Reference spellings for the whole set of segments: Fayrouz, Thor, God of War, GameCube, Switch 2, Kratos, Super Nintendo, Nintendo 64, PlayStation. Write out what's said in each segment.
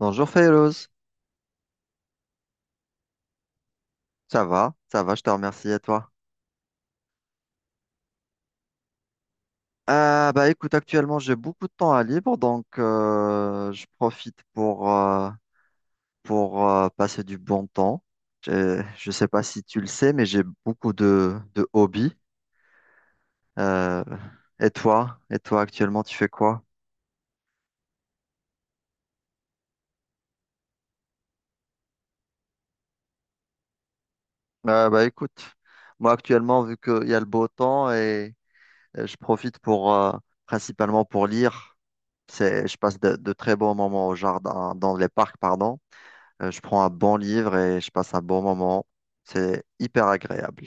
Bonjour Fayrouz, ça va, je te remercie et toi? Bah écoute, actuellement j'ai beaucoup de temps à libre, donc je profite pour, passer du bon temps. Je sais pas si tu le sais, mais j'ai beaucoup de hobbies. Euh, et toi? Et toi actuellement tu fais quoi? Bah écoute, moi actuellement vu qu'il y a le beau temps et je profite pour principalement pour lire. Je passe de très bons moments au jardin, dans les parcs, pardon. Je prends un bon livre et je passe un bon moment. C'est hyper agréable.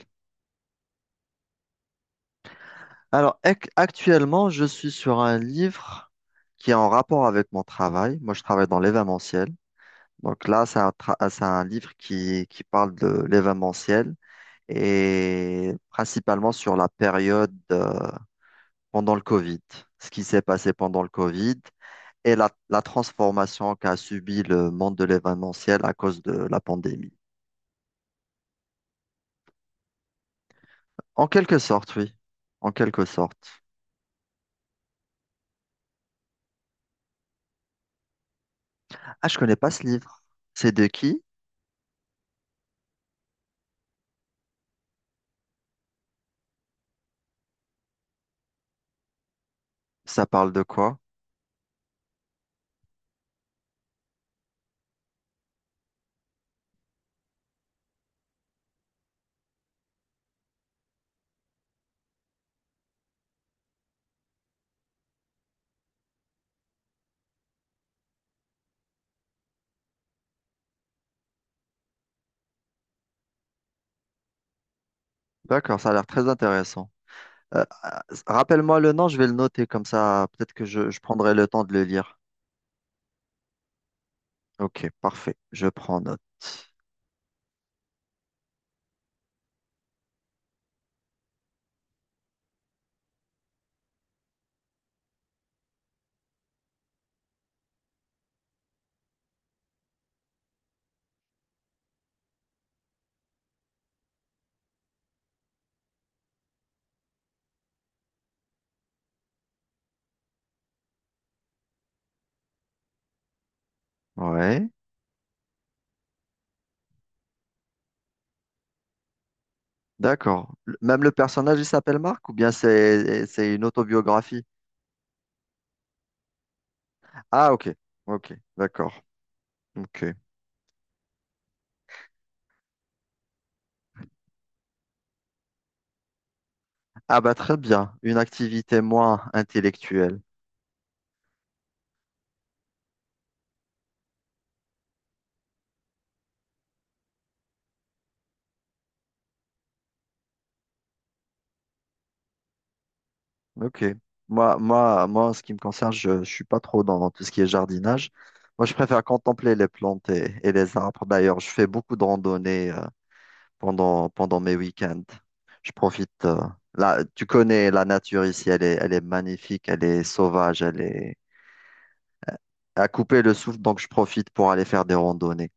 Alors, actuellement, je suis sur un livre qui est en rapport avec mon travail. Moi, je travaille dans l'événementiel. Donc là, c'est un livre qui parle de l'événementiel et principalement sur la période pendant le Covid, ce qui s'est passé pendant le Covid et la transformation qu'a subi le monde de l'événementiel à cause de la pandémie. En quelque sorte, oui. En quelque sorte. Ah, je connais pas ce livre. C'est de qui? Ça parle de quoi? D'accord, ça a l'air très intéressant. Rappelle-moi le nom, je vais le noter comme ça, peut-être que je prendrai le temps de le lire. Ok, parfait, je prends note. Ouais, d'accord. Même le personnage, il s'appelle Marc ou bien c'est une autobiographie? Ah, ok, ok, d'accord. Ok. Ah bah très bien, une activité moins intellectuelle. Ok. En ce qui me concerne, je suis pas trop dans tout ce qui est jardinage. Moi, je préfère contempler les plantes et les arbres. D'ailleurs, je fais beaucoup de randonnées pendant mes week-ends. Je profite. Là, tu connais la nature ici, elle est magnifique, elle est sauvage, elle est à couper le souffle, donc je profite pour aller faire des randonnées.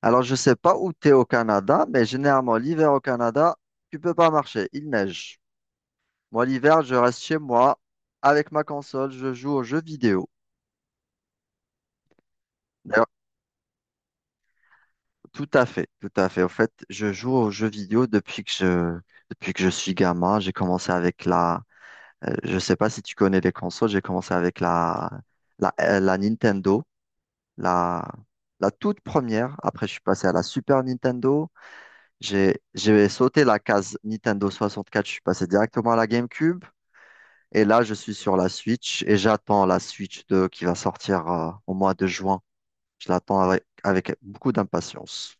Alors, je ne sais pas où tu es au Canada, mais généralement, l'hiver au Canada, tu peux pas marcher, il neige. Moi, l'hiver, je reste chez moi avec ma console, je joue aux jeux vidéo. D'ailleurs, tout à fait, tout à fait. En fait, je joue aux jeux vidéo depuis que je suis gamin. J'ai commencé avec la, Je sais pas si tu connais les consoles, j'ai commencé avec la Nintendo, la, la toute première. Après, je suis passé à la Super Nintendo. J'ai sauté la case Nintendo 64, je suis passé directement à la GameCube. Et là, je suis sur la Switch et j'attends la Switch 2 qui va sortir, au mois de juin. Je l'attends avec, avec beaucoup d'impatience.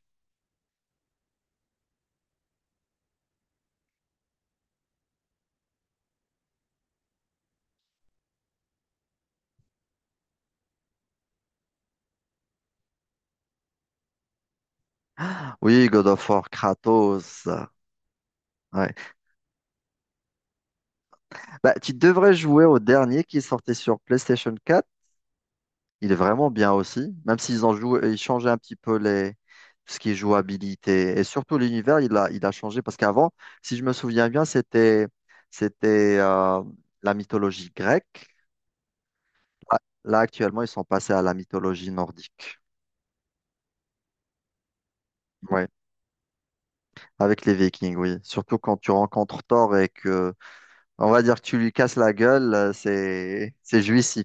Oui, God of War, Kratos. Ouais. Bah, tu devrais jouer au dernier qui sortait sur PlayStation quatre. Il est vraiment bien aussi, même s'ils ont joué, ils changeaient un petit peu les, tout ce qui est jouabilité. Et surtout l'univers, il a changé parce qu'avant, si je me souviens bien, c'était, c'était la mythologie grecque. Là, Là, actuellement, ils sont passés à la mythologie nordique. Ouais, avec les Vikings, oui. Surtout quand tu rencontres Thor on va dire que tu lui casses la gueule, c'est jouissif.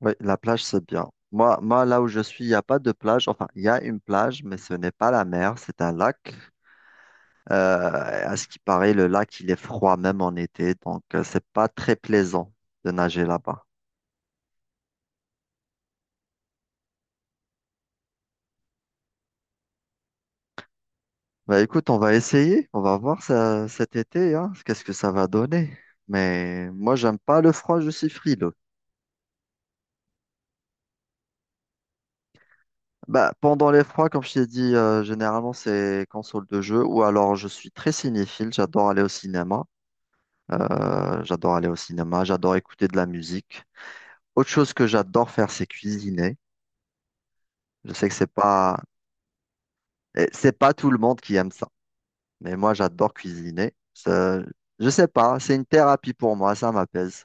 Oui, la plage, c'est bien. Là où je suis, il n'y a pas de plage. Enfin, il y a une plage, mais ce n'est pas la mer, c'est un lac. Euh, à ce qui paraît, il est froid même en été, donc c'est pas très plaisant de nager là-bas. Bah, écoute, on va essayer, on va voir ça, cet été, hein, qu'est-ce que ça va donner. Mais moi, j'aime pas le froid, je suis frileux. Bah, pendant les froids, comme je t'ai dit, généralement, c'est console de jeu ou alors je suis très cinéphile, j'adore aller au cinéma. J'adore écouter de la musique. Autre chose que j'adore faire, c'est cuisiner. Je sais que c'est pas, eh, C'est pas tout le monde qui aime ça, mais moi j'adore cuisiner. Je sais pas, c'est une thérapie pour moi, ça m'apaise.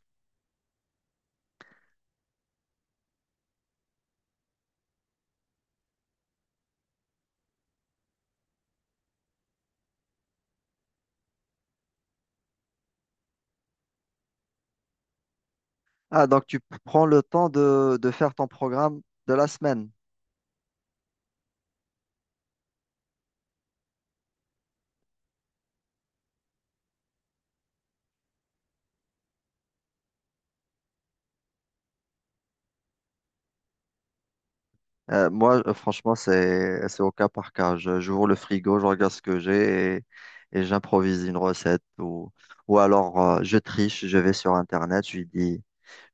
Ah, donc tu prends le temps de faire ton programme de la semaine. Franchement, c'est au cas par cas. J'ouvre le frigo, je regarde ce que j'ai et j'improvise une recette ou alors je triche, je vais sur Internet, je lui dis.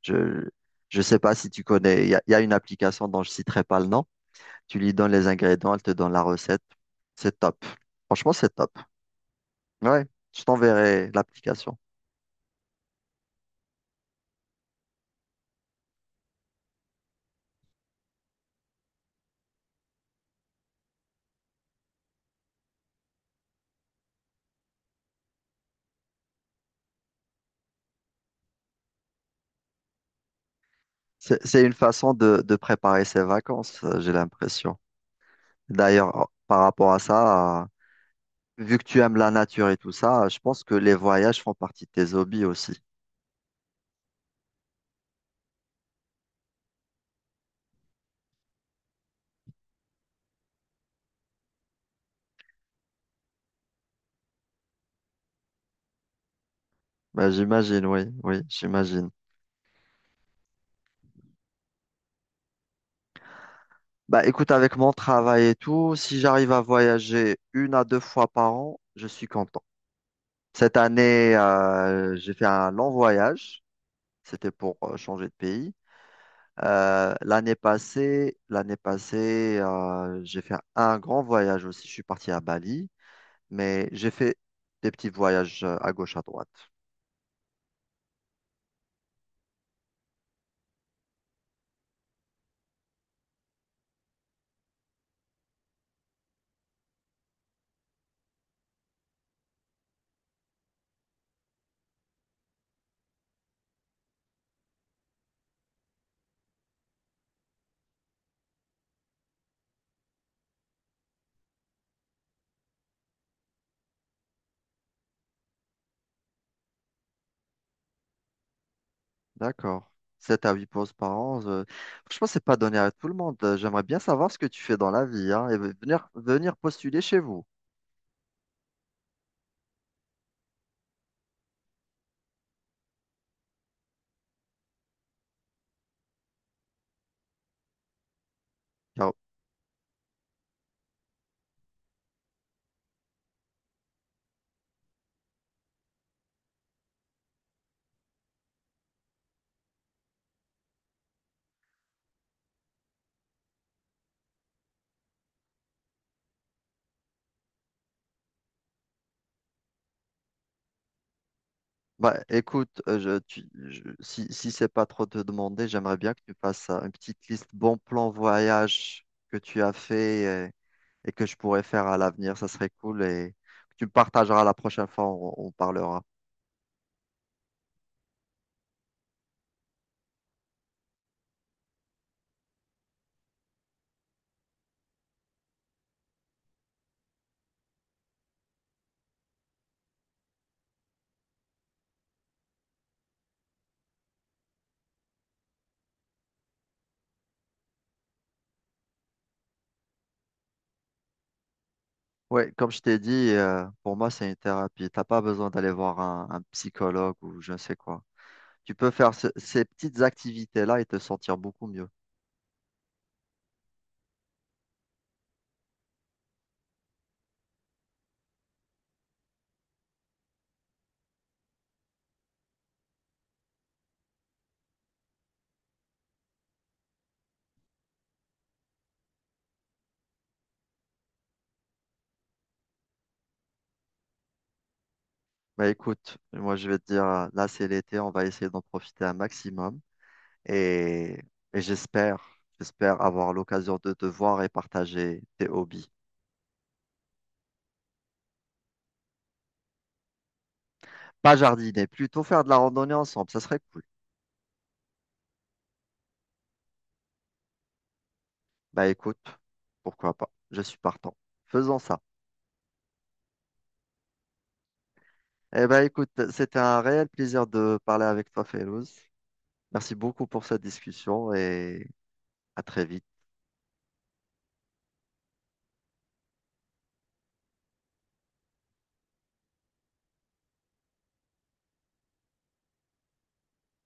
Je je sais pas si tu connais, il y a une application dont je citerai pas le nom. Tu lui donnes les ingrédients, elle te donne la recette. C'est top. Franchement, c'est top. Ouais, je t'enverrai l'application. C'est une façon de préparer ses vacances, j'ai l'impression. D'ailleurs, par rapport à ça, vu que tu aimes la nature et tout ça, je pense que les voyages font partie de tes hobbies aussi. Bah, j'imagine, oui, oui, j'imagine. Bah, écoute, avec mon travail et tout, si j'arrive à voyager une à deux fois par an, je suis content. Cette année, j'ai fait un long voyage. C'était pour changer de pays. L'année passée, j'ai fait un grand voyage aussi. Je suis parti à Bali, mais j'ai fait des petits voyages à gauche, à droite. D'accord. Sept à huit pauses par an. Franchement, c'est pas donné à tout le monde. J'aimerais bien savoir ce que tu fais dans la vie, hein, et venir, venir postuler chez vous. Car bah, écoute, si, si c'est pas trop te demander, j'aimerais bien que tu fasses une petite liste bons plans voyage que tu as fait et que je pourrais faire à l'avenir. Ça serait cool et que tu me partageras la prochaine fois, on parlera. Ouais, comme je t'ai dit, pour moi, c'est une thérapie. T'as pas besoin d'aller voir un psychologue ou je ne sais quoi. Tu peux faire ces petites activités-là et te sentir beaucoup mieux. Bah écoute, moi je vais te dire, là c'est l'été, on va essayer d'en profiter un maximum. Et, et j'espère, j'espère avoir l'occasion de te voir et partager tes hobbies. Pas jardiner, plutôt faire de la randonnée ensemble, ça serait cool. Bah écoute, pourquoi pas, je suis partant. Faisons ça. Eh ben écoute, c'était un réel plaisir de parler avec toi, Félouz. Merci beaucoup pour cette discussion et à très vite.